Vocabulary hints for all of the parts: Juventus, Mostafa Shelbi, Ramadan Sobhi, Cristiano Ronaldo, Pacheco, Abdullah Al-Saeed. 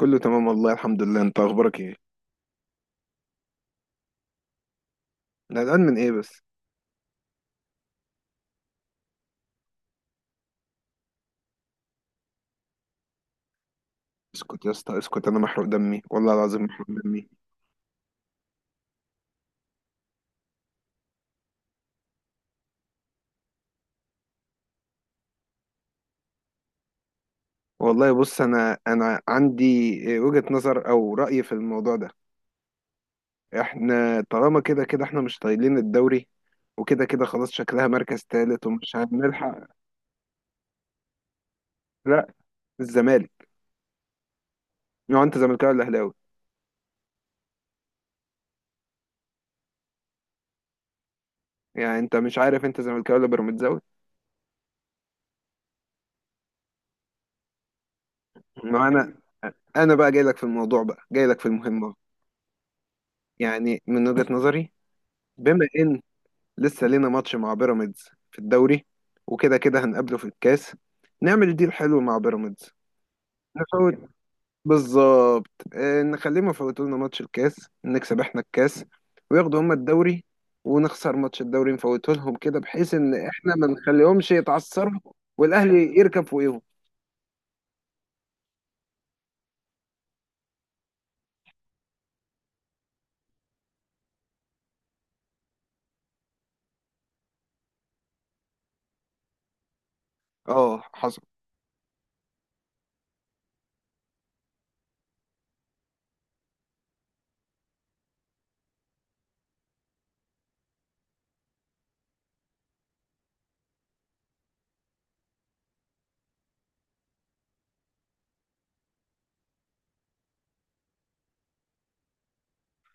كله تمام والله الحمد لله، انت اخبارك ايه؟ انا قلقان من ايه بس؟ اسكت يا اسطى اسكت، انا محروق دمي والله العظيم، محروق دمي. والله بص، انا عندي وجهة نظر او رأي في الموضوع ده. احنا طالما كده كده احنا مش طايلين الدوري، وكده كده خلاص شكلها مركز تالت ومش هنلحق. لا، الزمالك. لو انت زملكاوي ولا اهلاوي؟ يعني انت مش عارف انت زملكاوي ولا بيراميدزاوي؟ ما انا، انا بقى جاي لك في الموضوع، بقى جاي لك في المهمة. يعني من وجهة نظري، بما ان لسه لينا ماتش مع بيراميدز في الدوري، وكده كده هنقابله في الكاس، نعمل ديل حلو مع بيراميدز. نفوت. بالظبط، نخليهم يفوتوا لنا ماتش الكاس، نكسب احنا الكاس وياخدوا هما الدوري، ونخسر ماتش الدوري نفوته لهم كده، بحيث ان احنا ما نخليهمش يتعثروا والاهلي يركب فوقيهم. اه، حصل.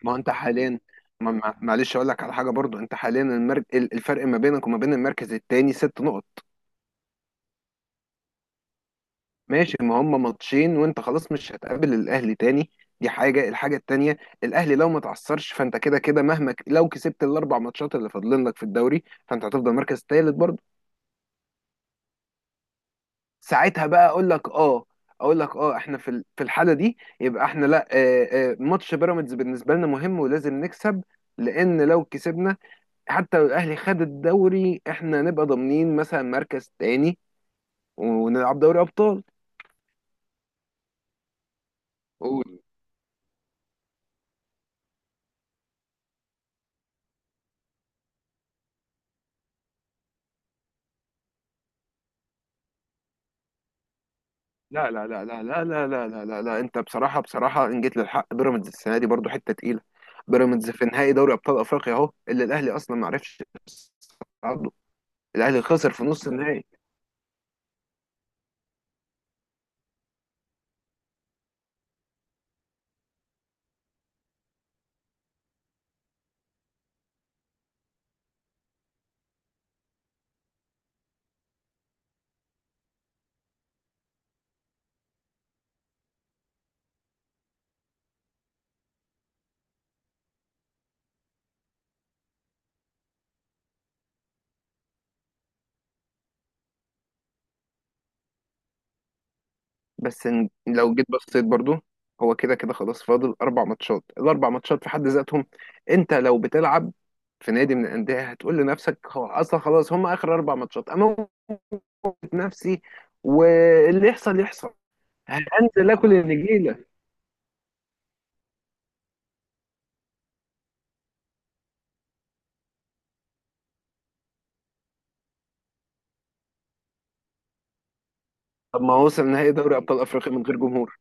ما هو انت حاليا. معلش اقول لك على حاجه برضو، انت حاليا الفرق ما بينك وما بين المركز الثاني 6 نقط. ماشي، ما هم ماتشين وانت خلاص مش هتقابل الاهلي تاني. دي حاجه. الحاجه التانيه، الاهلي لو ما تعثرش فانت كده كده مهما لو كسبت الـ4 ماتشات اللي فاضلين لك في الدوري فانت هتفضل مركز تالت برضه. ساعتها بقى اقول لك اه، احنا في الحاله دي يبقى احنا لا، ماتش بيراميدز بالنسبه لنا مهم ولازم نكسب. لان لو كسبنا، حتى لو الاهلي خد الدوري، احنا نبقى ضامنين مثلا مركز تاني ونلعب دوري ابطال. لا لا لا لا لا لا لا لا لا لا، انت بصراحه بصراحه ان جيت للحق بيراميدز السنه دي برضو حته تقيله. بيراميدز في نهائي دوري ابطال افريقيا اهو، اللي الاهلي اصلا ما عرفش يصعده. الاهلي خسر في نص النهائي. بس لو جيت بصيت برضو، هو كده كده خلاص فاضل 4 ماتشات. الـ4 ماتشات في حد ذاتهم، انت لو بتلعب في نادي من الانديه هتقول لنفسك هو اصلا خلاص هم اخر 4 ماتشات، اموت نفسي واللي يحصل يحصل. هنزل اكل النجيله. طب ما هو وصل نهائي دوري ابطال افريقيا من غير جمهور.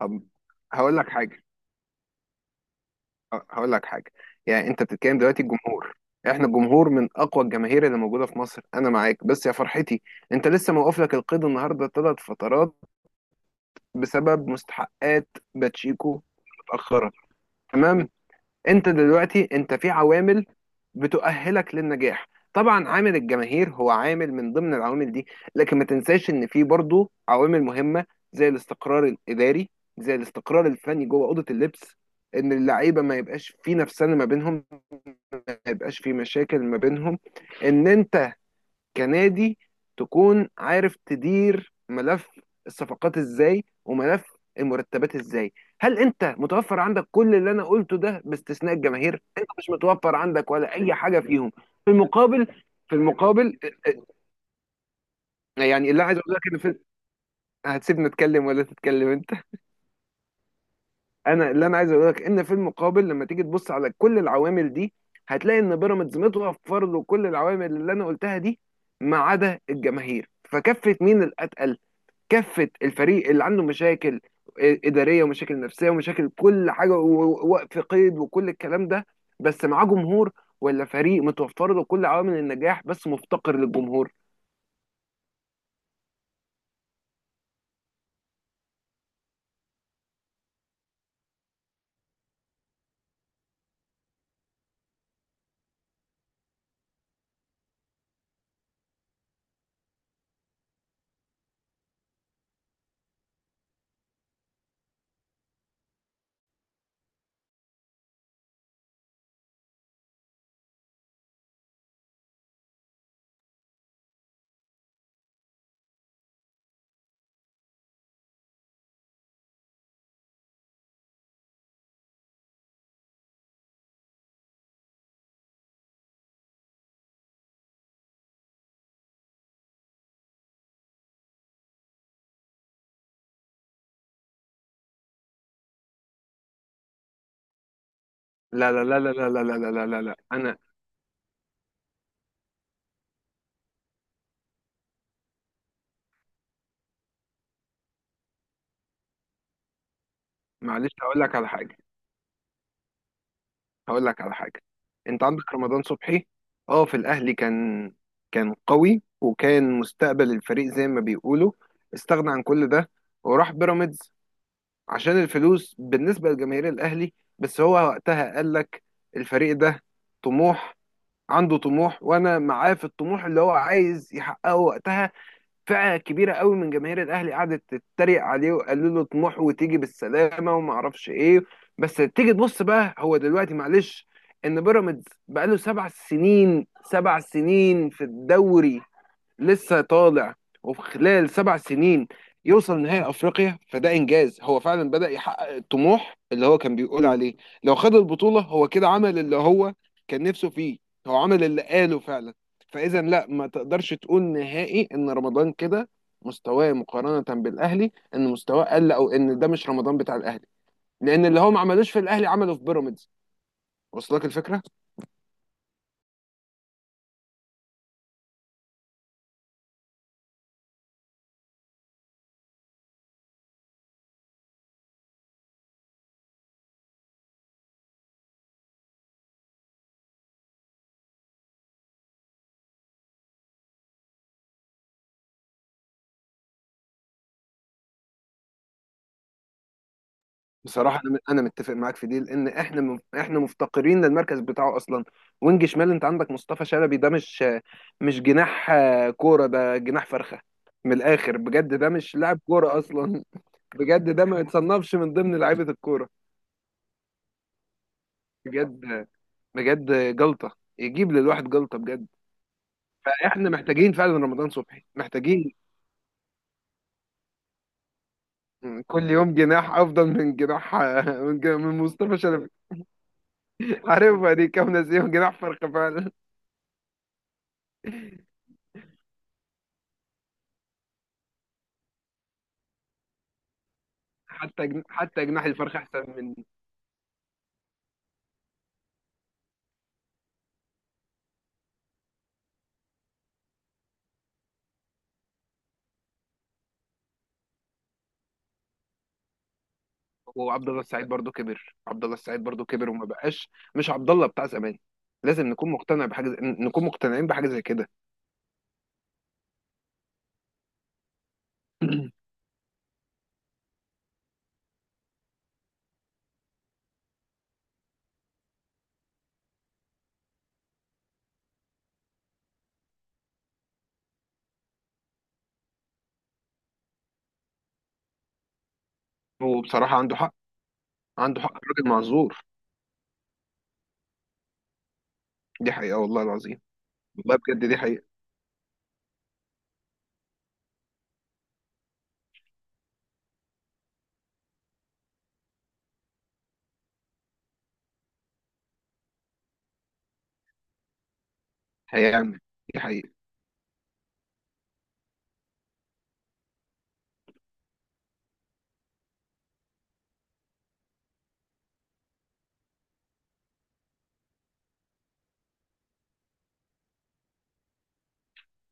طب هقول لك حاجه. هقول لك حاجه. يعني انت بتتكلم دلوقتي الجمهور، احنا الجمهور من اقوى الجماهير اللي موجوده في مصر، انا معاك، بس يا فرحتي، انت لسه موقف لك القيد النهارده 3 فترات بسبب مستحقات. باتشيكو متاخره. تمام. انت دلوقتي انت في عوامل بتؤهلك للنجاح. طبعا عامل الجماهير هو عامل من ضمن العوامل دي، لكن ما تنساش ان في برضه عوامل مهمة. زي الاستقرار الاداري، زي الاستقرار الفني جوه اوضة اللبس، ان اللعيبة ما يبقاش في نفسنا ما بينهم، ما يبقاش في مشاكل ما بينهم، ان انت كنادي تكون عارف تدير ملف الصفقات ازاي وملف المرتبات ازاي. هل انت متوفر عندك كل اللي انا قلته ده باستثناء الجماهير؟ انت مش متوفر عندك ولا اي حاجه فيهم. في المقابل في المقابل، يعني اللي عايز اقول لك ان في. هتسيبني اتكلم ولا تتكلم انت؟ انا اللي انا عايز اقول لك ان في المقابل، لما تيجي تبص على كل العوامل دي هتلاقي ان بيراميدز متوفر له كل العوامل اللي انا قلتها دي ما عدا الجماهير. فكفة مين الاتقل؟ كافه الفريق اللي عنده مشاكل اداريه ومشاكل نفسيه ومشاكل كل حاجه ووقف قيد وكل الكلام ده بس معاه جمهور، ولا فريق متوفر له كل عوامل النجاح بس مفتقر للجمهور. لا لا لا لا لا لا لا لا لا لا، انا. معلش هقول لك على حاجه. هقول لك على حاجه انت عندك رمضان صبحي، اه، في الاهلي كان. قوي وكان مستقبل الفريق زي ما بيقولوا، استغنى عن كل ده وراح بيراميدز عشان الفلوس. بالنسبة لجماهير الأهلي، بس هو وقتها قال لك الفريق ده طموح، عنده طموح وأنا معاه في الطموح اللي هو عايز يحققه. وقتها فئة كبيرة قوي من جماهير الأهلي قعدت تتريق عليه وقالوا له طموح وتيجي بالسلامة وما أعرفش إيه. بس تيجي تبص بقى هو دلوقتي، معلش، إن بيراميدز بقاله 7 سنين، 7 سنين في الدوري لسه طالع، وفي خلال 7 سنين يوصل نهائي افريقيا، فده انجاز. هو فعلا بدأ يحقق الطموح اللي هو كان بيقول عليه. لو خد البطولة هو كده عمل اللي هو كان نفسه فيه، هو عمل اللي قاله فعلا. فاذا لا ما تقدرش تقول نهائي ان رمضان كده مستواه مقارنة بالاهلي، ان مستواه قل او ان ده مش رمضان بتاع الاهلي، لان اللي هو ما عملوش في الاهلي عمله في بيراميدز. وصلك الفكرة؟ بصراحة أنا متفق معاك في دي، لأن إحنا إحنا مفتقرين للمركز بتاعه أصلا. وينج شمال، أنت عندك مصطفى شلبي، ده مش جناح، كورة. ده جناح فرخة من الآخر، بجد ده مش لاعب كورة أصلا. بجد ده ما يتصنفش من ضمن لعيبة الكورة. بجد، بجد جلطة، يجيب للواحد جلطة بجد. فإحنا محتاجين فعلا رمضان صبحي، محتاجين. كل يوم جناح أفضل من جناح من مصطفى شلبي. عارف دي كام ناس يوم جناح فرخة فعلا. حتى جناح الفرخ احسن من. وعبد الله السعيد برضو كبر، عبد الله السعيد برضو كبر وما بقاش. مش عبد الله بتاع زمان. لازم نكون مقتنع بحاجه زي... نكون مقتنعين بحاجه زي كده. هو بصراحه عنده حق، عنده حق راجل معذور. دي حقيقه والله العظيم. والله بجد دي حقيقه. هيعمل. دي حقيقه.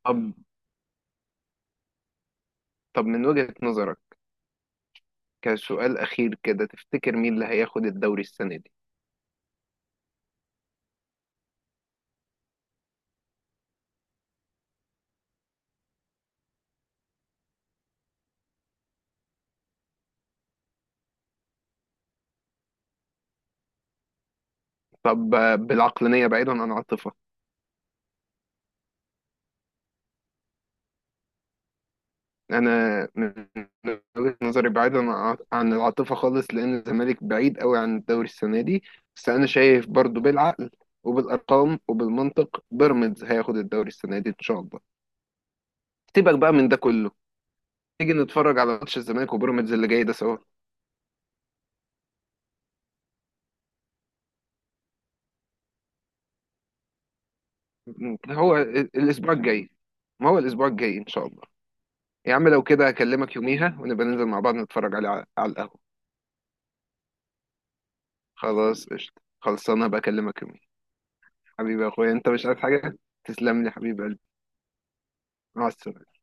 طب. من وجهه نظرك كسؤال اخير كده، تفتكر مين اللي هياخد الدوري السنه دي؟ طب، بالعقلانيه بعيدا عن العاطفه. انا من وجهة نظري بعيدا عن العاطفه خالص، لان الزمالك بعيد قوي عن الدوري السنه دي. بس انا شايف برضو بالعقل وبالارقام وبالمنطق بيراميدز هياخد الدوري السنه دي ان شاء الله. سيبك بقى من ده كله، تيجي نتفرج على ماتش الزمالك وبيراميدز اللي جاي ده سوا. هو الاسبوع الجاي. ما هو الاسبوع الجاي ان شاء الله. يا عم لو كده هكلمك يوميها ونبقى ننزل مع بعض نتفرج على القهوه. خلاص، قشطه، خلصانه، بكلمك يوميها. حبيبي يا اخويا، انت مش عايز حاجه؟ تسلم لي حبيب قلبي. مع السلامه.